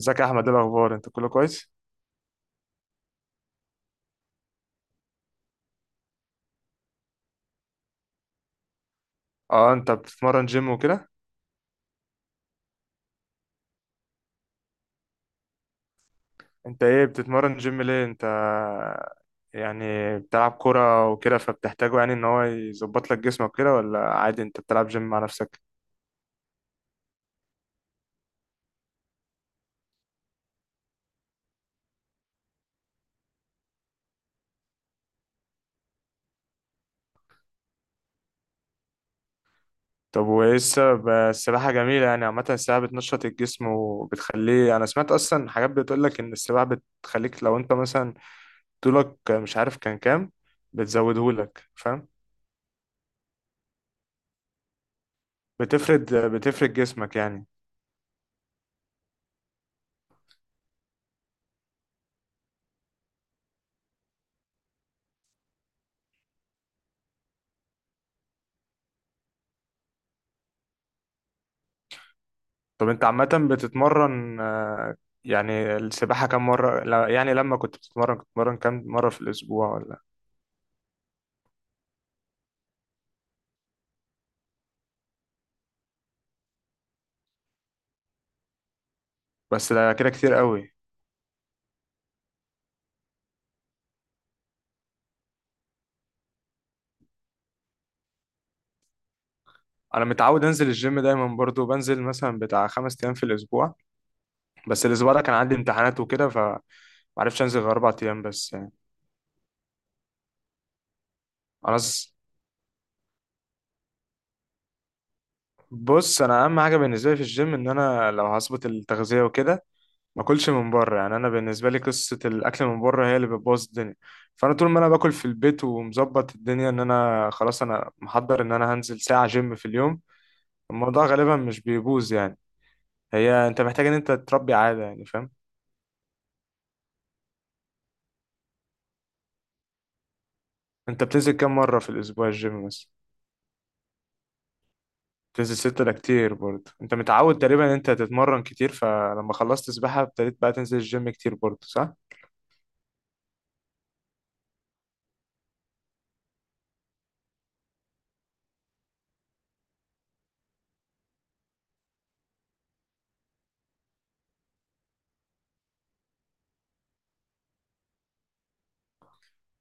ازيك يا احمد، ايه الاخبار؟ انت كله كويس؟ اه، انت بتتمرن جيم وكده؟ انت ايه بتتمرن جيم ليه انت يعني، بتلعب كرة وكده فبتحتاجه، يعني ان هو يظبط لك جسمك كده، ولا عادي انت بتلعب جيم مع نفسك؟ طب وايه السبب؟ السباحة جميلة يعني، عامة السباحة بتنشط الجسم وبتخليه. انا سمعت اصلا حاجات بتقول لك ان السباحة بتخليك لو انت مثلا طولك مش عارف كان كام، بتزودهولك، فاهم؟ بتفرد جسمك يعني. طب انت عامة بتتمرن، يعني السباحة كم مرة، يعني لما كنت بتتمرن كنت بتتمرن كم مرة في الأسبوع ولا؟ بس ده كده كتير قوي. أنا متعود أنزل الجيم دايما، برضو بنزل مثلا بتاع 5 أيام في الأسبوع. بس الأسبوع ده كان عندي امتحانات وكده، فمعرفتش أنزل غير 4 أيام بس يعني. أنا س- بص، أنا أهم حاجة بالنسبة لي في الجيم إن أنا لو هظبط التغذية وكده، ما اكلش من بره. يعني انا بالنسبه لي قصه الاكل من بره هي اللي بتبوظ الدنيا. فانا طول ما انا باكل في البيت ومظبط الدنيا ان انا خلاص، انا محضر ان انا هنزل ساعه جيم في اليوم، الموضوع غالبا مش بيبوظ يعني. هي انت محتاج ان انت تربي عاده، يعني فاهم؟ انت بتنزل كام مره في الاسبوع الجيم مثلا؟ بتنزل ستة؟ ده كتير برضه. انت متعود تقريبا ان انت تتمرن كتير، فلما خلصت سباحه ابتديت بقى تنزل الجيم كتير برضه، صح؟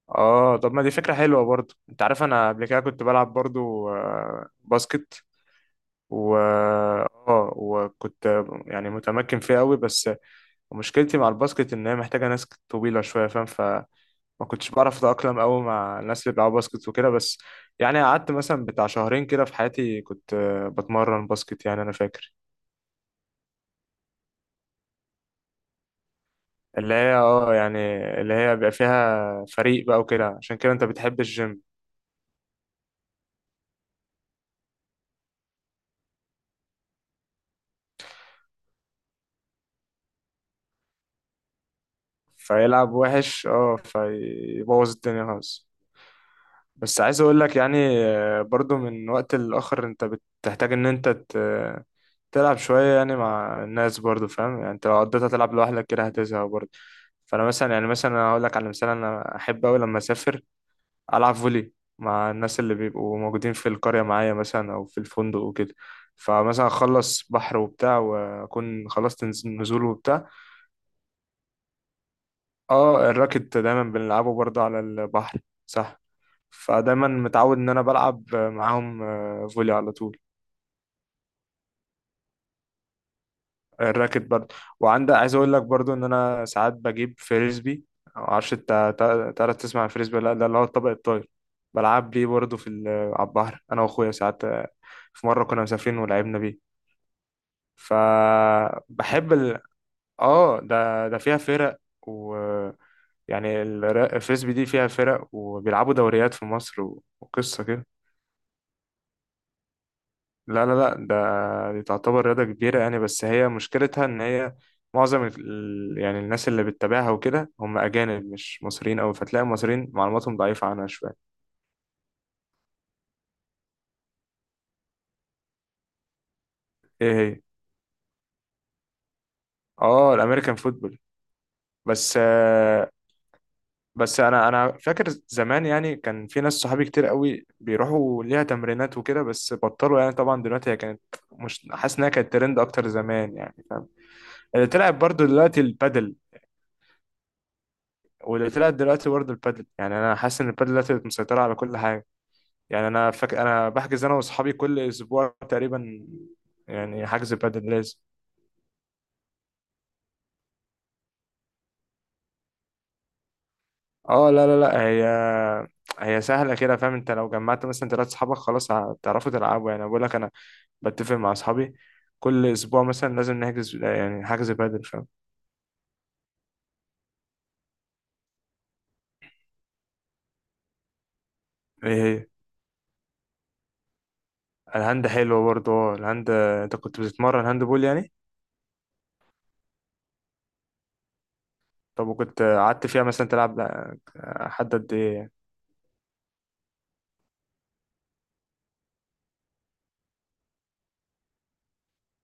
اه، طب ما دي فكره حلوه برضه. انت عارف انا قبل كده كنت بلعب برضه باسكت، و اه وكنت يعني متمكن فيه قوي، بس مشكلتي مع الباسكت ان هي محتاجه ناس طويله شويه، فاهم؟ فما كنتش بعرف اتاقلم قوي مع الناس اللي بيلعبوا باسكت وكده، بس يعني قعدت مثلا بتاع شهرين كده في حياتي، كنت بتمرن باسكت يعني، انا فاكر. اللي هي اه يعني اللي هي بيبقى فيها فريق بقى وكده، عشان كده انت بتحب الجيم. فيلعب وحش، فيبوظ الدنيا خالص. بس عايز اقول لك يعني، برضو من وقت لآخر انت بتحتاج ان انت تلعب شوية يعني مع الناس برضو، فاهم؟ يعني انت لو قضيتها تلعب لوحدك كده هتزهق برضو. فأنا مثلا مثلا، أنا هقول لك على مثال، أنا أحب أوي لما أسافر ألعب فولي مع الناس اللي بيبقوا موجودين في القرية معايا مثلا أو في الفندق وكده. فمثلا أخلص بحر وبتاع وأكون خلصت نزول وبتاع. اه، الراكت دايما بنلعبه برضو على البحر، صح. فدايما متعود إن أنا بلعب معاهم فولي على طول. الراكت برضه. وعندك، عايز اقول لك برضه ان انا ساعات بجيب فريسبي، معرفش انت تعرف تسمع الفريسبي ولا لا؟ ده اللي هو الطبق الطاير. بلعب بيه برضه على البحر، انا واخويا ساعات، في مره كنا مسافرين ولعبنا بيه. فبحب ال... اه، ده فيها فرق، و الفريسبي دي فيها فرق وبيلعبوا دوريات في مصر و- وقصه كده. لا، لا، لا، دي تعتبر رياضة كبيرة يعني، بس هي مشكلتها إن هي يعني الناس اللي بتتابعها وكده هم أجانب مش مصريين أوي، فتلاقي المصريين معلوماتهم ضعيفة عنها شوية. إيه هي؟ آه، الأمريكان فوتبول. بس آه، بس أنا فاكر زمان يعني، كان في ناس صحابي كتير أوي بيروحوا ليها تمرينات وكده بس بطلوا يعني، طبعا دلوقتي هي كانت، مش حاسس إنها كانت ترند أكتر زمان يعني، فاهم؟ اللي طلعت برضو دلوقتي البادل واللي طلعت دلوقتي برضه البادل، يعني انا حاسس ان البادل دلوقتي بقت مسيطره على كل حاجه. انا بحجز انا واصحابي كل اسبوع تقريبا، يعني حجز بادل لازم. اه، لا، لا، لا، هي سهله كده، فاهم؟ انت لو جمعت مثلا ثلاث اصحابك خلاص هتعرفوا تلعبوا يعني، بقول لك انا بتفق مع اصحابي كل اسبوع مثلا لازم نحجز، يعني حجز بادل، فاهم؟ ايه هي؟ الهاند حلو برضه. اه، الهاند، انت كنت بتتمرن هاند بول يعني؟ طب وكنت قعدت فيها مثلا تلعب حد قد ايه يعني؟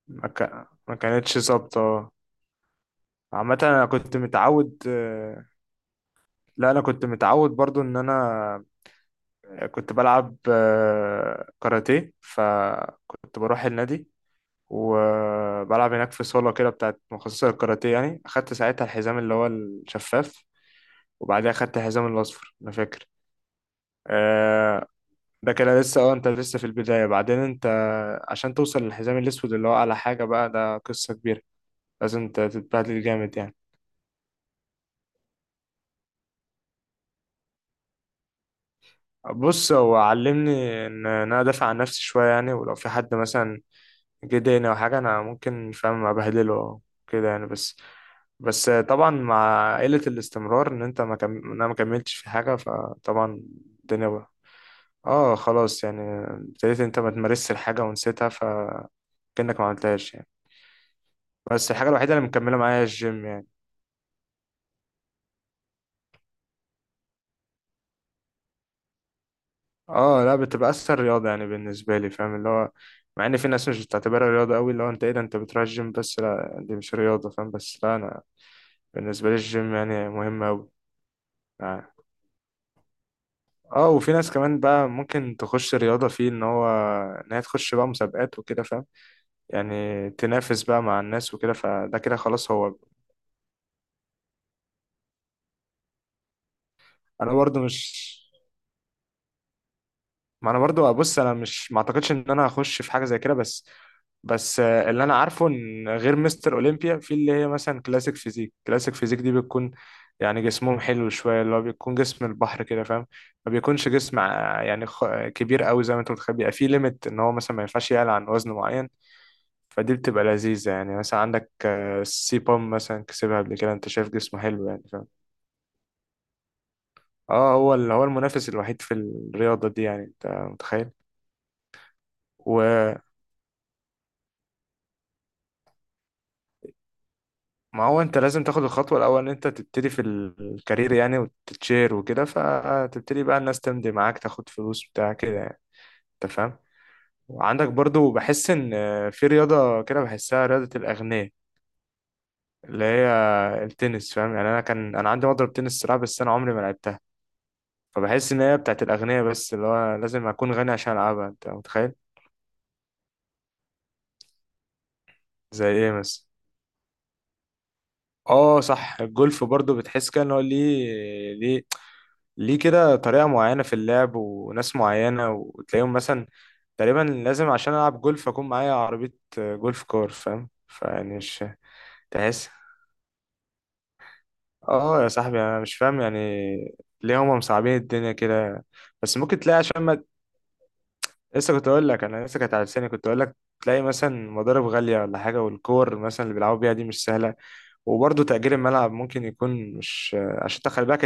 ما كانتش ظابطه. عامه انا كنت متعود، لا، انا كنت متعود برضو ان انا كنت بلعب كاراتيه، فكنت بروح النادي وبلعب هناك في صاله كده بتاعت مخصصه للكاراتيه يعني، اخدت ساعتها الحزام اللي هو الشفاف وبعدها اخدت الحزام الاصفر، انا فاكر. آه، ده كده لسه. اه انت لسه في البدايه، بعدين انت عشان توصل للحزام الاسود اللي هو اعلى حاجه بقى، ده قصه كبيره، لازم تتبهدل جامد يعني. بص، هو علمني ان انا ادافع عن نفسي شويه يعني، ولو في حد مثلا جه ضايقني او حاجه انا ممكن فاهم ابهدله أو كده يعني، بس بس طبعا مع قله الاستمرار ان انت ما كم... إن انا ما كملتش في حاجه، فطبعا الدنيا بقى. اه، خلاص يعني ابتديت انت ما تمارسش الحاجه ونسيتها، فكأنك ما عملتهاش يعني. بس الحاجه الوحيده اللي مكمله معايا الجيم يعني. اه، لا، بتبقى اسهل رياضه يعني بالنسبه لي، فاهم؟ اللي هو مع ان في ناس مش بتعتبرها رياضه قوي، اللي هو انت ايه ده انت بتروح الجيم، بس لا دي مش رياضه، فاهم؟ بس لا، انا بالنسبه لي الجيم يعني مهم قوي. اه. وفي ناس كمان بقى ممكن تخش رياضه فيه ان هو ان هي تخش بقى مسابقات وكده، فاهم؟ يعني تنافس بقى مع الناس وكده، فده كده خلاص هو. انا برضو مش ما انا برضو بص، انا مش ما اعتقدش ان انا هخش في حاجه زي كده، بس بس اللي انا عارفه ان غير مستر اولمبيا، في اللي هي مثلا كلاسيك فيزيك دي بتكون يعني جسمهم حلو شويه، اللي هو بيكون جسم البحر كده، فاهم؟ ما بيكونش جسم كبير قوي زي ما انت متخيل، بيبقى فيه ليميت ان هو مثلا ما ينفعش يعلى عن وزن معين. فدي بتبقى لذيذه يعني، مثلا عندك السي بام مثلا كسبها قبل كده، انت شايف جسمه حلو يعني، فاهم؟ اه، هو اللي هو المنافس الوحيد في الرياضه دي يعني، انت متخيل. ما هو انت لازم تاخد الخطوة الأول ان انت تبتدي في الكارير يعني وتتشير وكده، فتبتدي بقى الناس تمضي معاك تاخد فلوس بتاع كده يعني، انت فاهم؟ وعندك برضو بحس ان في رياضة كده بحسها رياضة الأغنياء، اللي هي التنس، فاهم؟ يعني انا، كان انا عندي مضرب تنس صراحة، بس انا عمري ما لعبتها. فبحس ان هي بتاعت الأغنياء، بس اللي هو لازم اكون غني عشان العبها، انت متخيل. زي ايه مثلا؟ اه، صح، الجولف برضو بتحس كده ان هو ليه كده، طريقة معينة في اللعب وناس معينة، وتلاقيهم مثلا تقريبا لازم عشان ألعب جولف أكون معايا عربية، جولف كار، فاهم؟ فيعني مش تحس. اه يا صاحبي، أنا مش فاهم يعني، ليه هما مصعبين الدنيا كده؟ بس ممكن تلاقي عشان ما، لسه كنت أقول لك، أنا لسه كانت على لساني كنت أقول لك، تلاقي مثلا مضارب غالية ولا حاجة، والكور مثلا اللي بيلعبوا بيها دي مش سهلة، وبرضه تأجير الملعب ممكن يكون مش، عشان تخلي بالك.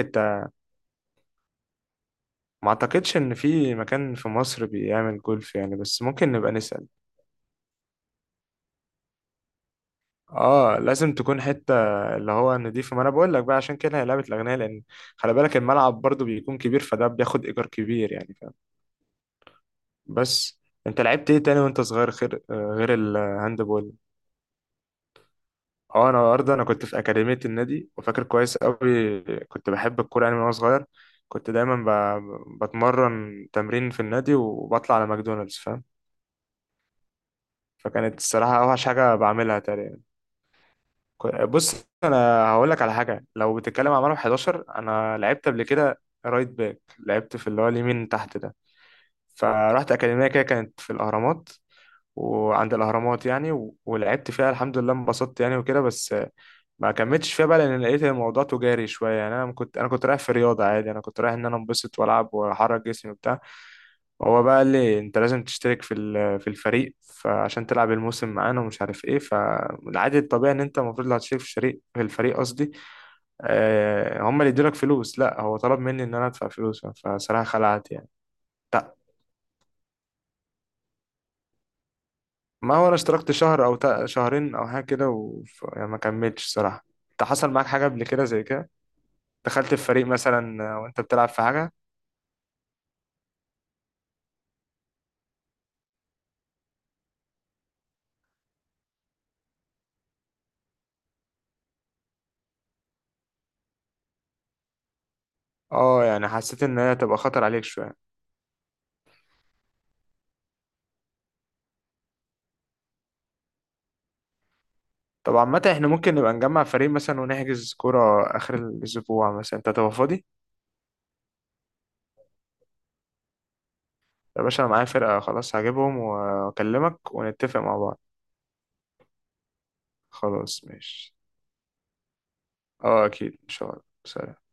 ما اعتقدش ان في مكان في مصر بيعمل جولف يعني، بس ممكن نبقى نسأل. اه لازم تكون حتة اللي هو نضيفة، ما انا بقول لك بقى عشان كده هي لعبة الاغنياء، لان خلي بالك الملعب برضو بيكون كبير، فده بياخد ايجار كبير يعني، فاهم؟ بس انت لعبت ايه تاني وانت صغير غير غير الهاند بول؟ اه، انا برضه كنت في اكاديمية النادي وفاكر كويس قوي، كنت بحب الكورة يعني من وانا صغير، كنت دايما بتمرن تمرين في النادي وبطلع على ماكدونالدز، فاهم؟ فكانت الصراحة اوحش حاجة بعملها تاني. بص، انا هقول لك على حاجه، لو بتتكلم على مرمى 11، انا لعبت قبل كده رايت باك، لعبت في اللي هو اليمين تحت ده. فرحت اكاديميه كده كانت في الاهرامات، وعند الاهرامات يعني، و- ولعبت فيها الحمد لله، انبسطت يعني وكده، بس ما كملتش فيها بقى لان لقيت الموضوع تجاري شويه يعني، انا كنت رايح في رياضه عادي، انا كنت رايح ان انا انبسط والعب واحرك جسمي وبتاع. هو بقى قال لي انت لازم تشترك في الفريق فعشان تلعب الموسم معانا ومش عارف ايه، فالعادي الطبيعي ان انت المفروض لو هتشترك في الفريق قصدي، هم اللي يدولك فلوس. لا هو طلب مني ان انا ادفع فلوس، فصراحة خلعت يعني. لا ما هو انا اشتركت شهر او شهرين او حاجة كده، وما كملتش صراحة. انت حصل معاك حاجة قبل كده زي كده؟ دخلت في فريق مثلا وانت بتلعب في حاجة؟ اه، يعني حسيت ان هي تبقى خطر عليك شوية. طب عامة احنا ممكن نبقى نجمع فريق مثلا ونحجز كورة آخر الأسبوع، مثلا أنت هتبقى فاضي؟ يا باشا أنا معايا فرقة، خلاص هجيبهم وأكلمك ونتفق مع بعض. خلاص ماشي. اه أكيد إن شاء الله. سلام.